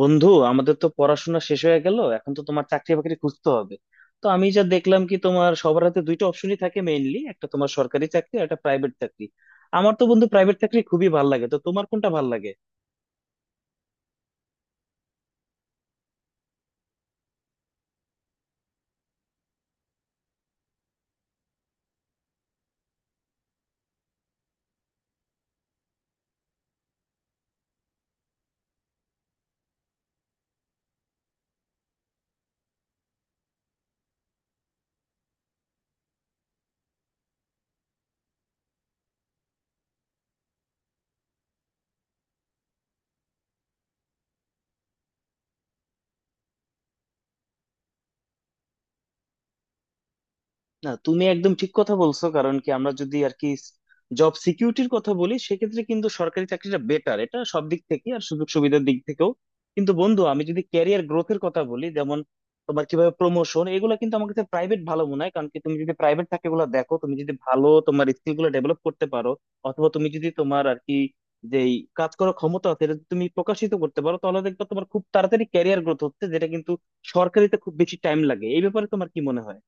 বন্ধু, আমাদের তো পড়াশোনা শেষ হয়ে গেল, এখন তো তোমার চাকরি বাকরি খুঁজতে হবে। তো আমি যা দেখলাম কি, তোমার সবার হাতে দুইটা অপশনই থাকে মেইনলি, একটা তোমার সরকারি চাকরি আর একটা প্রাইভেট চাকরি। আমার তো বন্ধু প্রাইভেট চাকরি খুবই ভালো লাগে, তো তোমার কোনটা ভালো লাগে? না, তুমি একদম ঠিক কথা বলছো। কারণ কি, আমরা যদি আর কি জব সিকিউরিটির কথা বলি, সেক্ষেত্রে কিন্তু সরকারি চাকরিটা বেটার, এটা সব দিক থেকে আর সুযোগ সুবিধার দিক থেকেও। কিন্তু বন্ধু, আমি যদি ক্যারিয়ার গ্রোথের কথা বলি, যেমন তোমার কিভাবে প্রমোশন, এগুলো কিন্তু আমার কাছে প্রাইভেট ভালো মনে হয়। কারণ কি, তুমি যদি প্রাইভেট থাকে গুলো দেখো, তুমি যদি ভালো তোমার স্কিল গুলো ডেভেলপ করতে পারো অথবা তুমি যদি তোমার আর কি যে কাজ করার ক্ষমতা আছে এটা যদি তুমি প্রকাশিত করতে পারো, তাহলে দেখবে তোমার খুব তাড়াতাড়ি ক্যারিয়ার গ্রোথ হচ্ছে, যেটা কিন্তু সরকারিতে খুব বেশি টাইম লাগে। এই ব্যাপারে তোমার কি মনে হয়?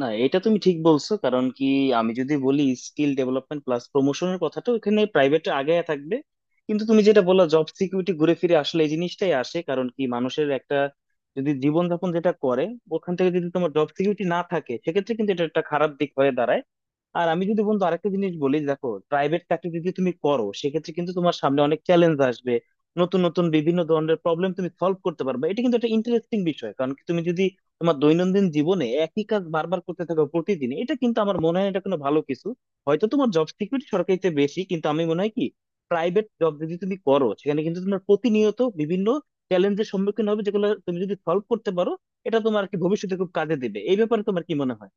না, এটা তুমি ঠিক বলছো। কারণ কি, আমি যদি বলি স্কিল ডেভেলপমেন্ট প্লাস প্রমোশনের কথাটা, ওখানে প্রাইভেটে আগে থাকবে। কিন্তু তুমি যেটা বললা জব সিকিউরিটি, ঘুরে ফিরে আসলে এই জিনিসটাই আসে। কারণ কি, মানুষের একটা যদি জীবনযাপন যেটা করে, ওখান থেকে যদি তোমার জব সিকিউরিটি না থাকে, সেক্ষেত্রে কিন্তু এটা একটা খারাপ দিক হয়ে দাঁড়ায়। আর আমি যদি বন্ধু আরেকটা জিনিস বলি, দেখো, প্রাইভেট চাকরি যদি তুমি করো, সেক্ষেত্রে কিন্তু তোমার সামনে অনেক চ্যালেঞ্জ আসবে, নতুন নতুন বিভিন্ন ধরনের প্রবলেম তুমি সলভ করতে পারবে। এটা কিন্তু একটা ইন্টারেস্টিং বিষয়। কারণ কি, তুমি যদি তোমার দৈনন্দিন জীবনে একই কাজ বারবার করতে থাকো প্রতিদিন, এটা কিন্তু আমার মনে হয় এটা কোনো ভালো কিছু। হয়তো তোমার জব সিকিউরিটি সরকারিতে বেশি, কিন্তু আমি মনে হয় কি প্রাইভেট জব যদি তুমি করো, সেখানে কিন্তু তোমার প্রতিনিয়ত বিভিন্ন চ্যালেঞ্জের সম্মুখীন হবে, যেগুলো তুমি যদি সলভ করতে পারো এটা তোমার আর কি ভবিষ্যতে খুব কাজে দেবে। এই ব্যাপারে তোমার কি মনে হয়?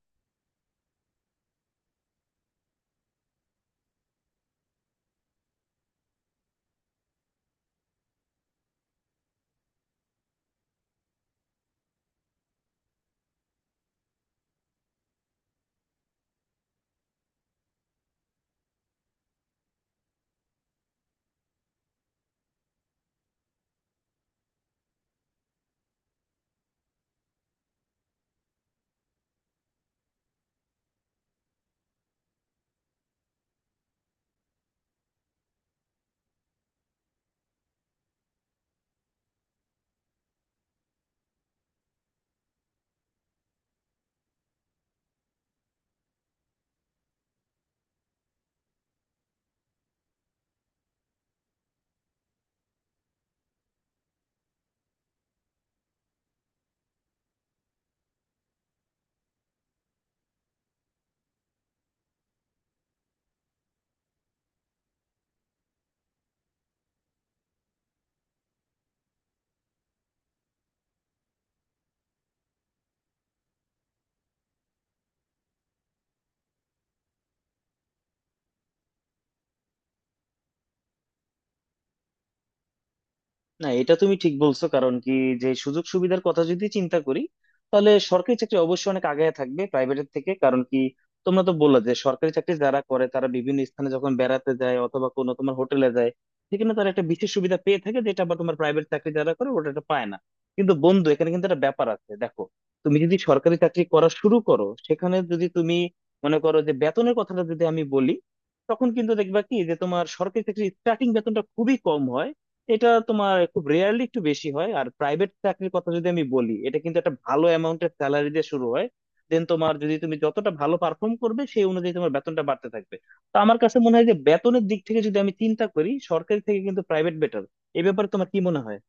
না, এটা তুমি ঠিক বলছো। কারণ কি, যে সুযোগ সুবিধার কথা যদি চিন্তা করি, তাহলে সরকারি চাকরি অবশ্যই অনেক আগায় থাকবে প্রাইভেটের থেকে। কারণ কি, তোমরা তো বললা যে সরকারি চাকরি যারা করে, তারা বিভিন্ন স্থানে যখন বেড়াতে যায় অথবা কোনো তোমার হোটেলে যায়, সেখানে তারা একটা বিশেষ সুবিধা পেয়ে থাকে, যেটা আবার তোমার প্রাইভেট চাকরি যারা করে ওটা একটা পায় না। কিন্তু বন্ধু, এখানে কিন্তু একটা ব্যাপার আছে দেখো। তুমি যদি সরকারি চাকরি করা শুরু করো, সেখানে যদি তুমি মনে করো যে বেতনের কথাটা যদি আমি বলি, তখন কিন্তু দেখবা কি যে তোমার সরকারি চাকরির স্টার্টিং বেতনটা খুবই কম হয়। এটা তোমার খুব রেয়ারলি একটু বেশি হয়। আর প্রাইভেট চাকরির কথা যদি আমি বলি, এটা কিন্তু একটা ভালো অ্যামাউন্টের স্যালারি দিয়ে শুরু হয়। দেন তোমার, যদি তুমি যতটা ভালো পারফর্ম করবে, সেই অনুযায়ী তোমার বেতনটা বাড়তে থাকবে। তো আমার কাছে মনে হয় যে বেতনের দিক থেকে যদি আমি চিন্তা করি, সরকারি থেকে কিন্তু প্রাইভেট বেটার। এই ব্যাপারে তোমার কি মনে হয়?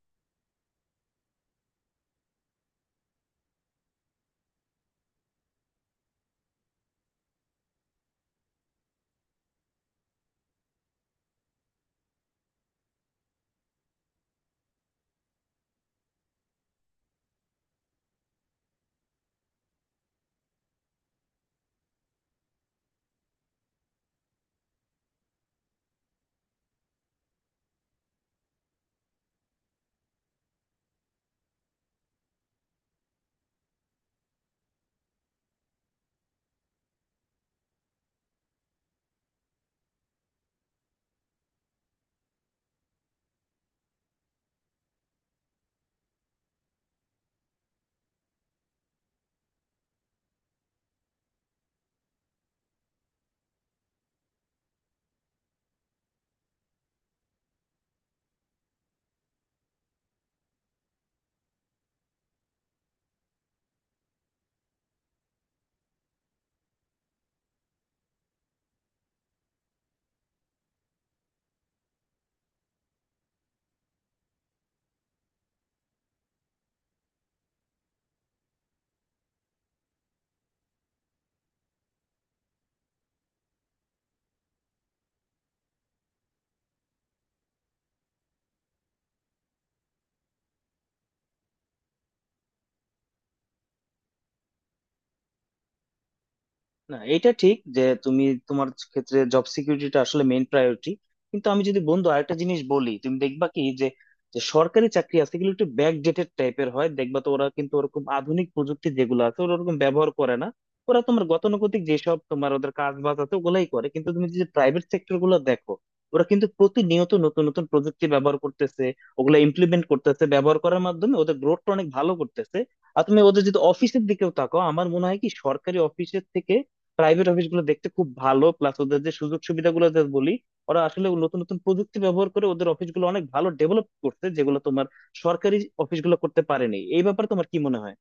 না, এটা ঠিক যে তুমি তোমার ক্ষেত্রে জব সিকিউরিটিটা আসলে মেইন প্রায়োরিটি। কিন্তু আমি যদি বন্ধু আরেকটা জিনিস বলি, তুমি দেখবা কি যে, যে সরকারি চাকরি আছে এগুলো একটু ব্যাকডেটেড টাইপের হয়। দেখবা তো, ওরা কিন্তু ওরকম আধুনিক প্রযুক্তি যেগুলো আছে ওরা ওরকম ব্যবহার করে না। ওরা তোমার গতানুগতিক যেসব তোমার ওদের কাজ বাজ আছে ওগুলাই করে। কিন্তু তুমি যদি প্রাইভেট সেক্টর গুলো দেখো, ওরা কিন্তু প্রতিনিয়ত নতুন নতুন প্রযুক্তি ব্যবহার করতেছে, ওগুলা ইমপ্লিমেন্ট করতেছে, ব্যবহার করার মাধ্যমে ওদের গ্রোথটা অনেক ভালো করতেছে। আর তুমি ওদের যদি অফিসের দিকেও তাকাও, আমার মনে হয় কি সরকারি অফিসের থেকে প্রাইভেট অফিস গুলো দেখতে খুব ভালো। প্লাস ওদের যে সুযোগ সুবিধাগুলো যে বলি, ওরা আসলে নতুন নতুন প্রযুক্তি ব্যবহার করে ওদের অফিসগুলো অনেক ভালো ডেভেলপ করছে, যেগুলো তোমার সরকারি অফিসগুলো করতে পারেনি। এই ব্যাপারে তোমার কি মনে হয়?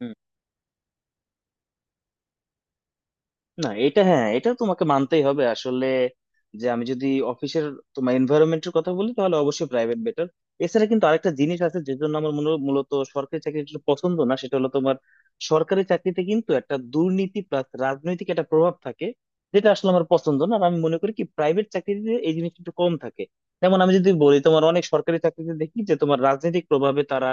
হুম। না, এটা, হ্যাঁ, এটা তোমাকে মানতেই হবে আসলে। যে, আমি যদি অফিসের তোমার এনভায়রনমেন্টের কথা বলি, তাহলে অবশ্যই প্রাইভেট বেটার। এছাড়া কিন্তু আরেকটা জিনিস আছে, যে জন্য আমার মূলত সরকারি চাকরিটা একটু পছন্দ না, সেটা হলো তোমার সরকারি চাকরিতে কিন্তু একটা দুর্নীতি প্লাস রাজনৈতিক একটা প্রভাব থাকে, যেটা আসলে আমার পছন্দ না। আর আমি মনে করি কি প্রাইভেট চাকরিতে এই জিনিসটা একটু কম থাকে। যেমন আমি যদি বলি, তোমার অনেক সরকারি চাকরিতে দেখি যে তোমার রাজনৈতিক প্রভাবে তারা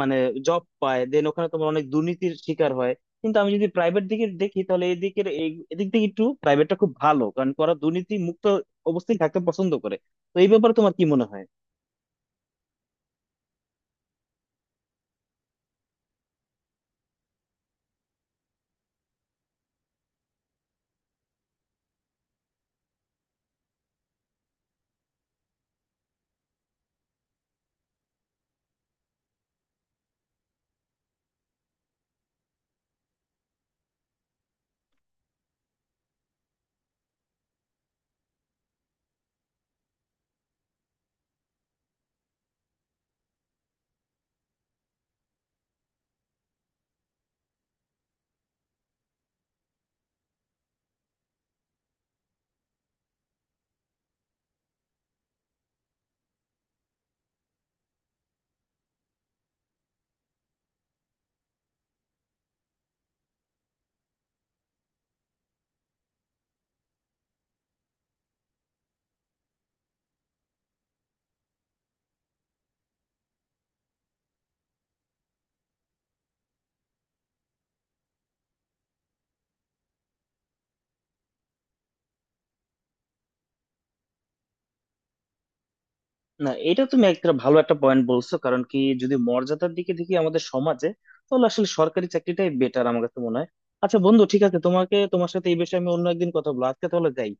মানে জব পায়, দেন ওখানে তোমার অনেক দুর্নীতির শিকার হয়। কিন্তু আমি যদি প্রাইভেট দিকে দেখি, তাহলে এদিকের এদিক থেকে একটু প্রাইভেটটা খুব ভালো, কারণ ওরা দুর্নীতি মুক্ত অবস্থায় থাকতে পছন্দ করে। তো এই ব্যাপারে তোমার কি মনে হয়? না, এটা তুমি একটা ভালো একটা পয়েন্ট বলছো। কারণ কি, যদি মর্যাদার দিকে দেখি আমাদের সমাজে, তাহলে আসলে সরকারি চাকরিটাই বেটার আমার কাছে মনে হয়। আচ্ছা বন্ধু, ঠিক আছে, তোমাকে, তোমার সাথে এই বিষয়ে আমি অন্য একদিন কথা বলবো। আজকে তাহলে যাই।